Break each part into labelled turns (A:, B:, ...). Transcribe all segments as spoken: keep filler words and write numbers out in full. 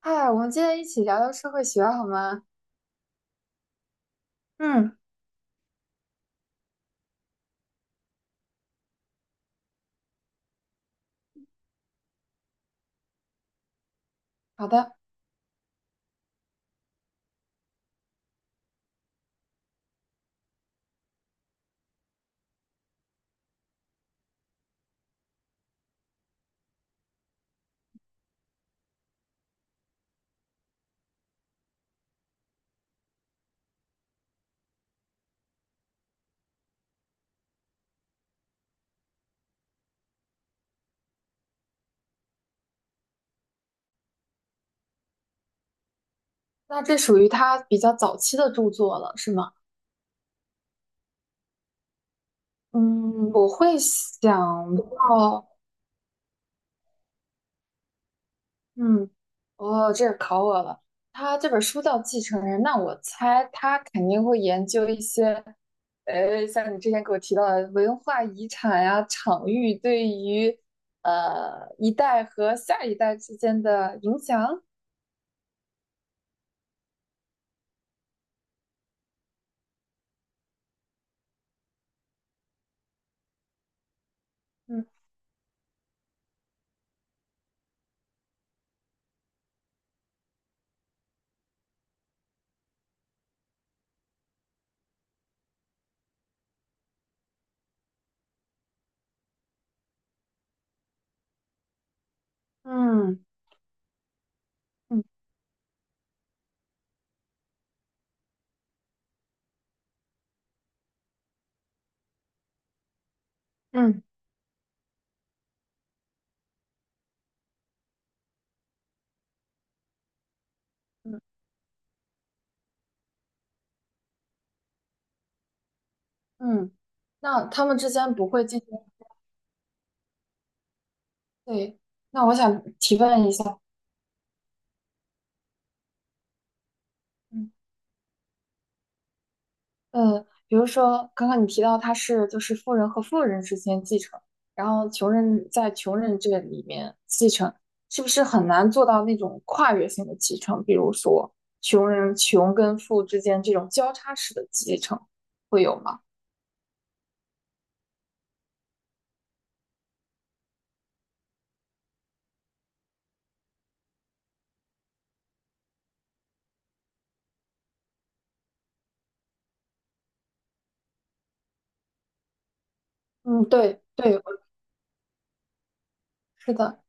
A: 嗨，我们今天一起聊聊社会学好吗？嗯，好的，那这属于他比较早期的著作了，是吗？嗯，我会想到，嗯，哦，这个考我了。他这本书叫《继承人》，那我猜他肯定会研究一些，呃，像你之前给我提到的文化遗产呀、场域对于呃一代和下一代之间的影响。嗯嗯嗯嗯。嗯，那他们之间不会进行，对，那我想提问一下，嗯，呃，比如说刚刚你提到他是就是富人和富人之间继承，然后穷人在穷人这里面继承，是不是很难做到那种跨越性的继承？比如说穷人穷跟富之间这种交叉式的继承会有吗？嗯，对对，是的，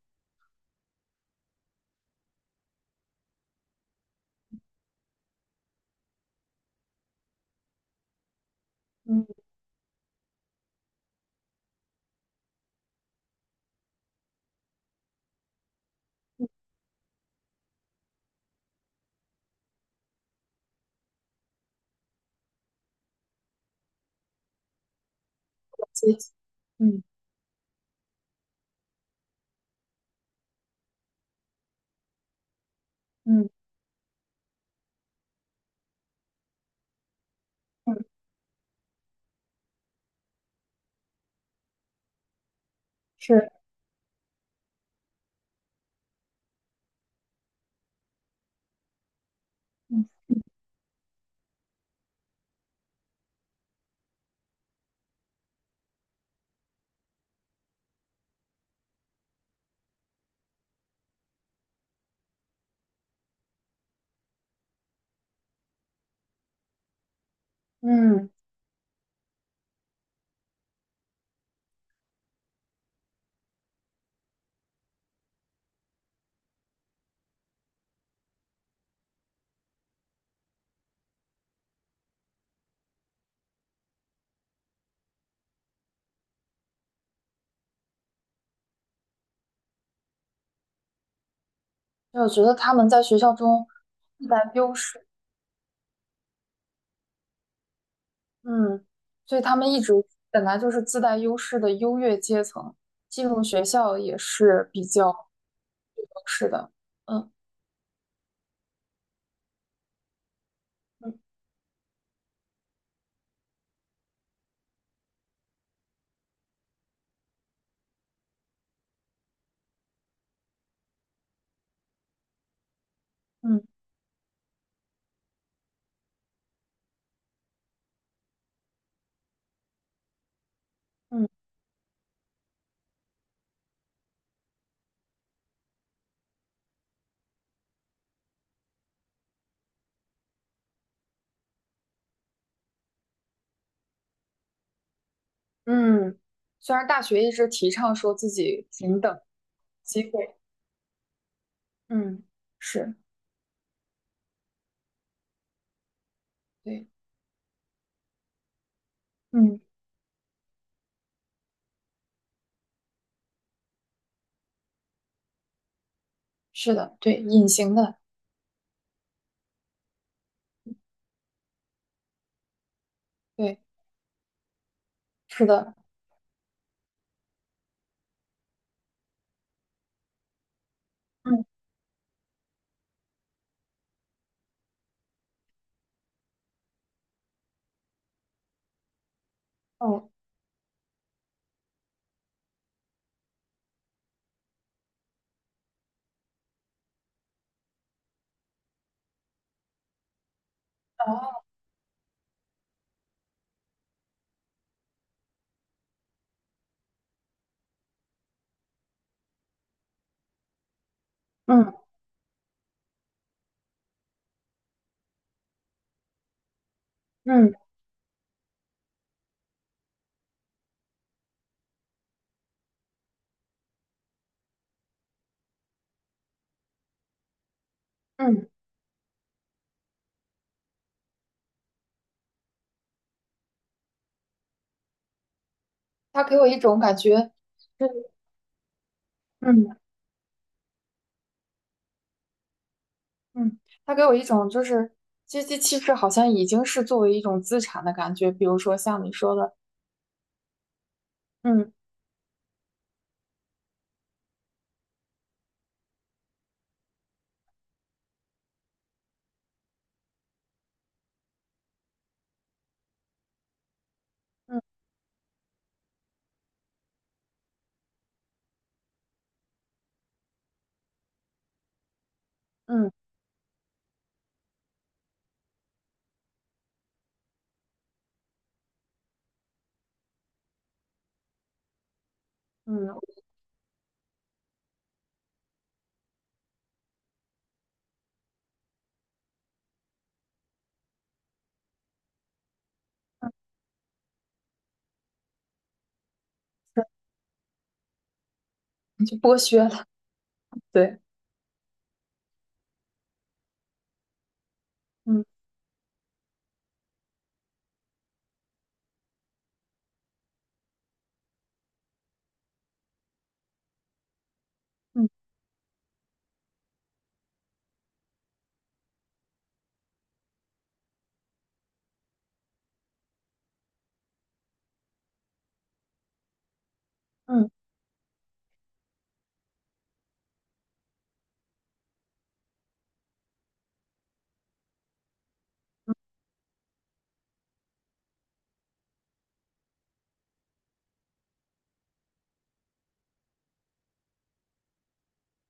A: 嗯，我记嗯嗯嗯，是，嗯嗯。就我觉得他们在学校中自带优势，嗯，所以他们一直本来就是自带优势的优越阶层，进入学校也是比较是的，嗯嗯嗯嗯嗯。虽然大学一直提倡说自己平等机会，嗯，是，对，嗯，是的，对，隐形的，对，是的，嗯，哦，哦嗯嗯嗯，他给我一种感觉，嗯。嗯，他给我一种就是阶级气势，好像已经是作为一种资产的感觉。比如说像你说的，嗯嗯嗯嗯，就剥削了，对，嗯嗯嗯。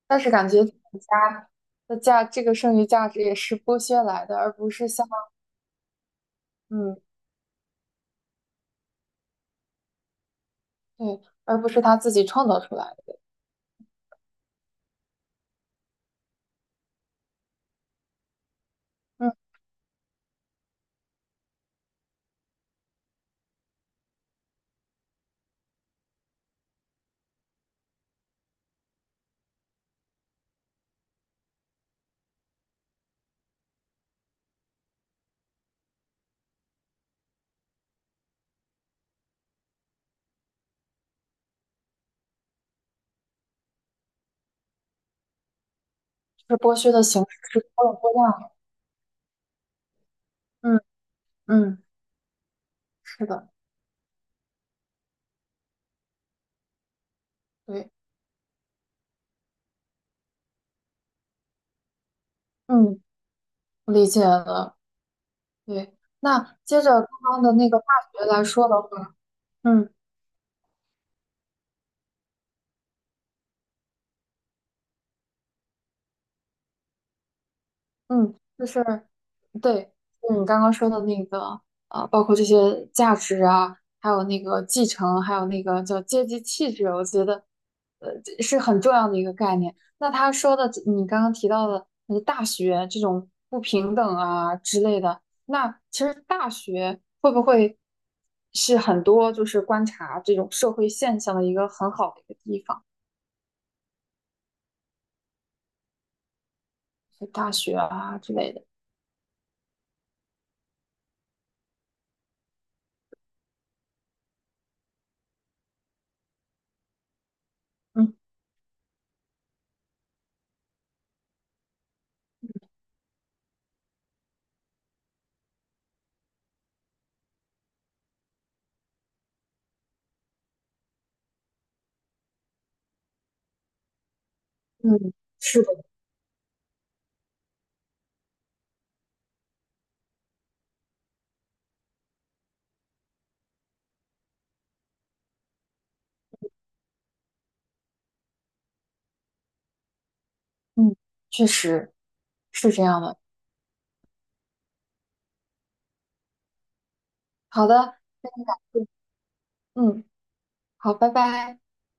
A: 但是感觉资本家的价，这个剩余价值也是剥削来的，而不是像嗯对，而不是他自己创造出来的。嗯，就是剥削的形式是多种多样的。嗯嗯，是的，对，嗯，我理解了。对，那接着刚刚的那个化学来说的话，嗯。嗯，就是对，就是你刚刚说的那个，啊，包括这些价值啊，还有那个继承，还有那个叫阶级气质，我觉得，呃，这是很重要的一个概念。那他说的，你刚刚提到的那个大学这种不平等啊之类的，那其实大学会不会是很多就是观察这种社会现象的一个很好的一个地方，大学啊之类的。嗯嗯，是的。嗯，确实是这样的。好的，嗯，嗯好，拜拜。